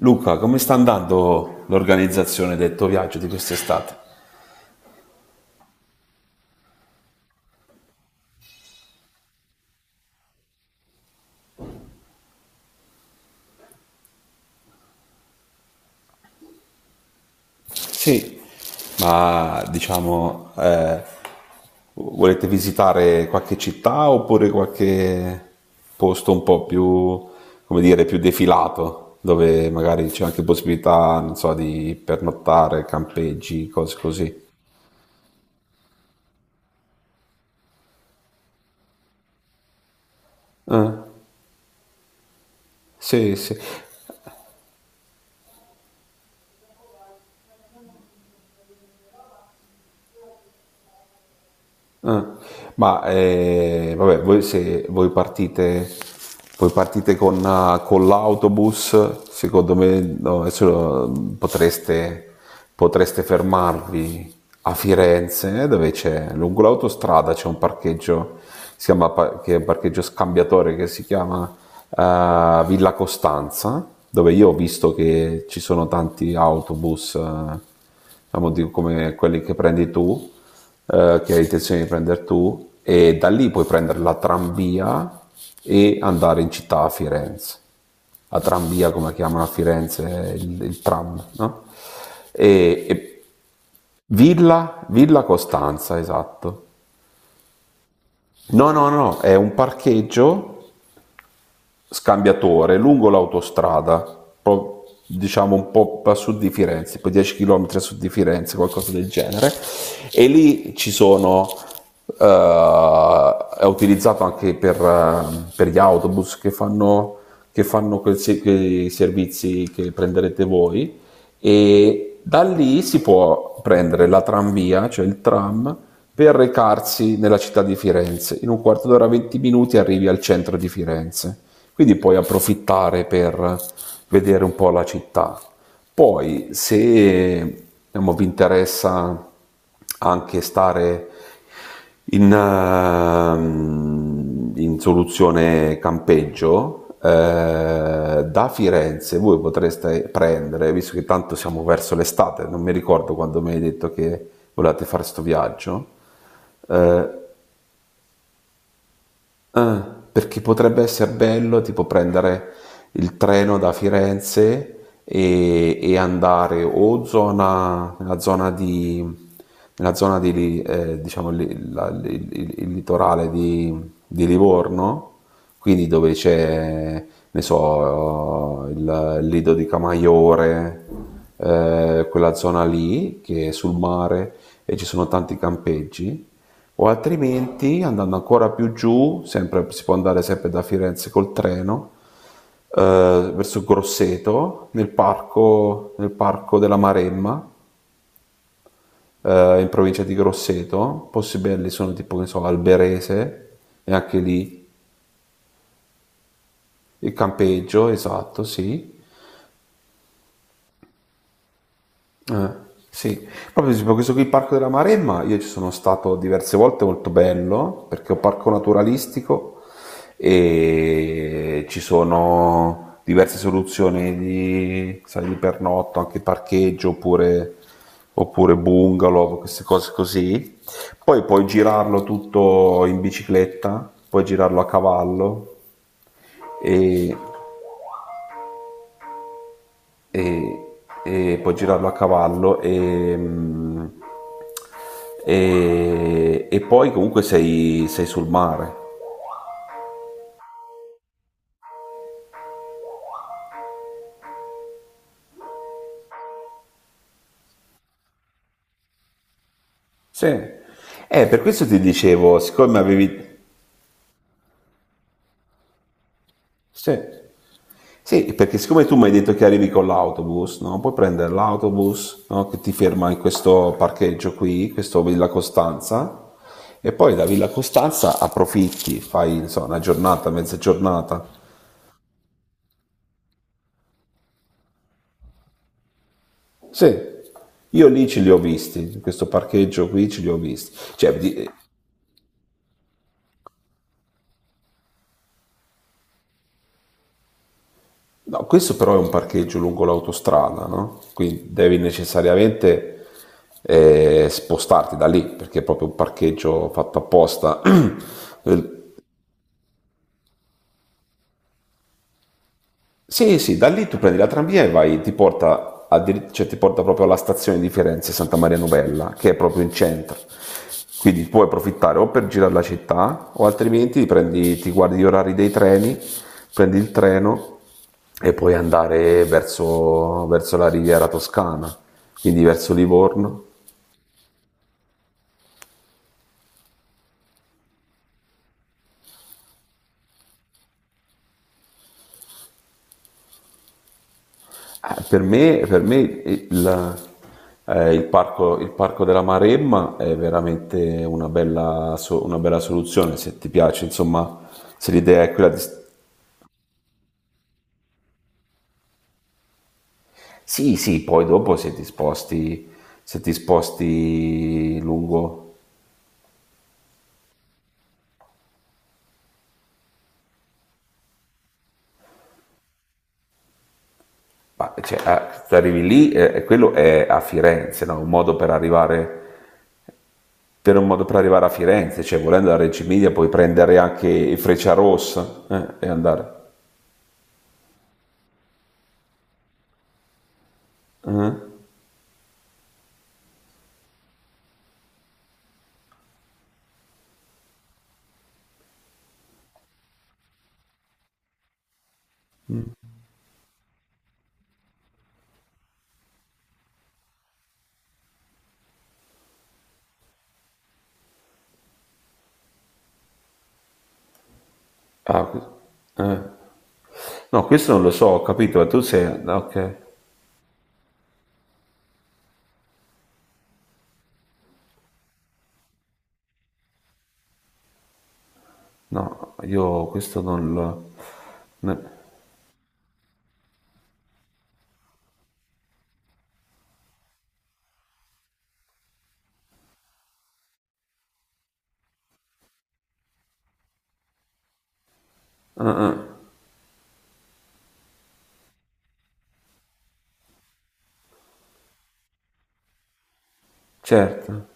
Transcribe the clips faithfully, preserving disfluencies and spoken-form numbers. Luca, come sta andando l'organizzazione del tuo viaggio di quest'estate? Sì. Ma diciamo, eh, volete visitare qualche città oppure qualche posto un po' più, come dire, più defilato, dove magari c'è anche possibilità, non so, di pernottare, campeggi, cose così. Eh, sì, sì. Ah, ma eh, vabbè, voi, se voi partite, voi partite con, ah, con l'autobus, secondo me no, adesso eh, potreste, potreste fermarvi a Firenze, eh, dove c'è, lungo l'autostrada c'è un parcheggio, si chiama, pa- che è un parcheggio scambiatore che si chiama eh, Villa Costanza, dove io ho visto che ci sono tanti autobus. Eh, diciamo, di- come quelli che prendi tu, eh, che hai intenzione di prendere tu, e da lì puoi prendere la tranvia e andare in città a Firenze. La tranvia, come la chiamano a Firenze, il, il tram, no? E, e Villa, Villa Costanza, esatto. No, no, no, è un parcheggio scambiatore lungo l'autostrada, pro- diciamo un po' a sud di Firenze, poi dieci chilometri a sud di Firenze, qualcosa del genere, e lì ci sono, eh, è utilizzato anche per, eh, per gli autobus che fanno, che fanno quel se- quei servizi che prenderete voi, e da lì si può prendere la tranvia, cioè il tram, per recarsi nella città di Firenze. In un quarto d'ora, venti minuti arrivi al centro di Firenze. Quindi puoi approfittare per vedere un po' la città. Poi se diciamo, vi interessa anche stare in, ehm, in soluzione campeggio, eh, da Firenze voi potreste prendere, visto che tanto siamo verso l'estate, non mi ricordo quando mi hai detto che volevate fare questo viaggio. eh, Ah, perché potrebbe essere bello tipo prendere il treno da Firenze e, e andare o zona, nella zona di, nella zona di, Li- eh, diciamo, li- la- il, il- il litorale di, di Livorno, quindi dove c'è, ne so, il Lido di Camaiore, eh, quella zona lì che è sul mare e ci sono tanti campeggi o altrimenti, andando ancora più giù, sempre- si può andare sempre da Firenze col treno, eh, verso Grosseto, nel parco, nel parco della Maremma, eh, in provincia di Grosseto. Posti belli sono tipo, che ne so, Alberese, e anche lì il campeggio, esatto, sì. Eh, sì, proprio tipo questo qui, il Parco della Maremma, io ci sono stato diverse volte, molto bello, perché è un parco naturalistico e ci sono diverse soluzioni di, sai, di pernotto, anche parcheggio oppure, oppure bungalow, queste cose così. Poi puoi girarlo tutto in bicicletta, puoi girarlo a cavallo e e, e puoi girarlo a cavallo e, mm, e- e poi comunque sei, sei sul mare. Sì, eh, per questo ti dicevo, siccome avevi. Sì. Sì, perché siccome tu mi hai detto che arrivi con l'autobus, no? Puoi prendere l'autobus, no? Che ti ferma in questo parcheggio qui, questo Villa Costanza, e poi da Villa Costanza approfitti, fai, non so, una giornata, mezza giornata. Sì. Io lì ce li ho visti, in questo parcheggio qui ce li ho visti. Cioè, di- no, questo però è un parcheggio lungo l'autostrada, no? Quindi devi necessariamente eh, spostarti da lì, perché è proprio un parcheggio fatto apposta. Eh, sì, sì, da lì tu prendi la tranvia e vai, ti porta, addir- cioè, ti porta proprio alla stazione di Firenze, Santa Maria Novella, che è proprio in centro. Quindi puoi approfittare o per girare la città o altrimenti ti, prendi, ti guardi gli orari dei treni, prendi il treno e puoi andare verso, verso la riviera toscana, quindi verso Livorno. Eh, Per me, per me il, eh, il parco, il parco della Maremma è veramente una bella, so- una bella soluzione se ti piace, insomma, se l'idea è quella di. Sì, sì, poi dopo se ti sposti, se ti sposti lungo, ma, cioè, ah, se arrivi lì, eh, e quello è a Firenze, no? Un modo per arrivare, per un modo per arrivare a Firenze, cioè volendo da Reggio Emilia puoi prendere anche Frecciarossa, eh, e andare. Ah. No, questo non lo so, ho capito, ma tu sei. No, ok. No, io questo non lo. ne- Certo.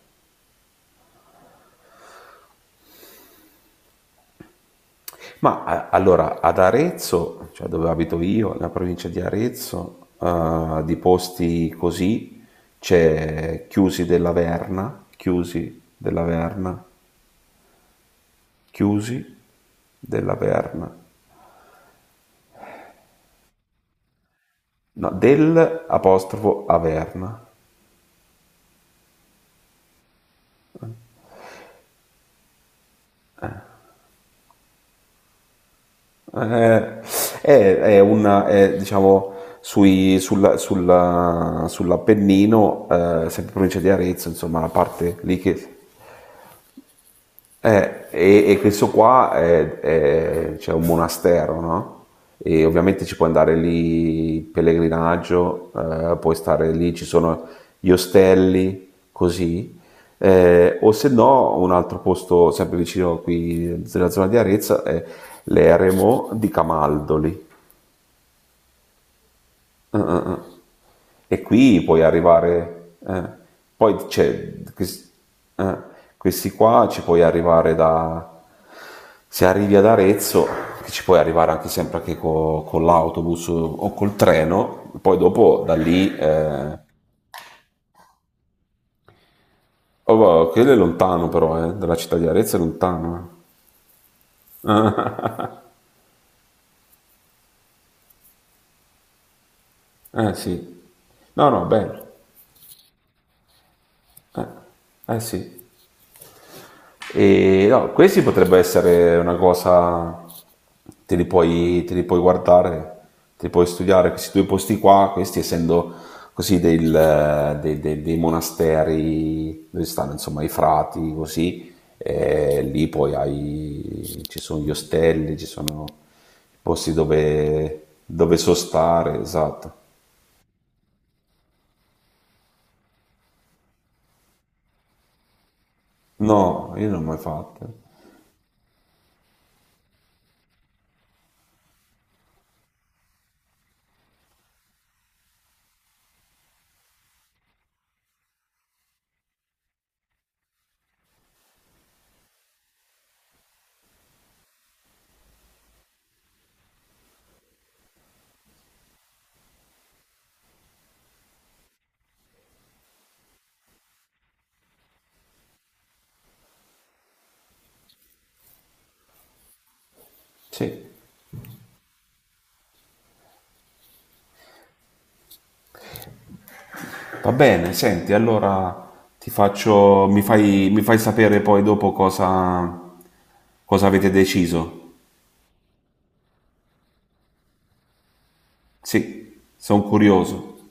Ma a- allora, ad Arezzo, cioè dove abito io, nella provincia di Arezzo, eh, di posti così, c'è Chiusi della Verna, Chiusi della Verna, Chiusi della Verna, no, del apostrofo Averna. Eh, è, è una, è, diciamo, sui, sulla- sulla- sull'Appennino, eh, sempre provincia di Arezzo, insomma, la parte lì che. Eh, e, e questo qua è, è- c'è un monastero, no? E ovviamente ci puoi andare lì in pellegrinaggio, eh, puoi stare lì, ci sono gli ostelli, così. Eh, o se no, un altro posto sempre vicino qui nella zona di Arezzo è l'eremo di Camaldoli. Ah, ah, ah. E qui puoi arrivare. eh, poi c'è, quest- eh, Questi qua ci puoi arrivare da, se arrivi ad Arezzo, che ci puoi arrivare anche sempre anche co- con l'autobus o col treno, poi dopo da lì. Eh, oh, wow, quello è lontano però, eh, dalla città di Arezzo è lontano. eh, Eh, sì, no no, bello, eh, eh sì. E no, questi potrebbe essere una cosa, te li puoi, te li puoi guardare, te li puoi studiare, questi due posti qua, questi essendo così del- dei, dei- dei monasteri dove stanno insomma i frati, così, e lì poi hai, ci sono gli ostelli, ci sono i posti dove, dove sostare, esatto. No, io non l'ho mai fatto. Sì. Va bene, senti, allora ti faccio, mi fai, mi fai sapere poi dopo cosa, cosa avete deciso. Sì, sono curioso.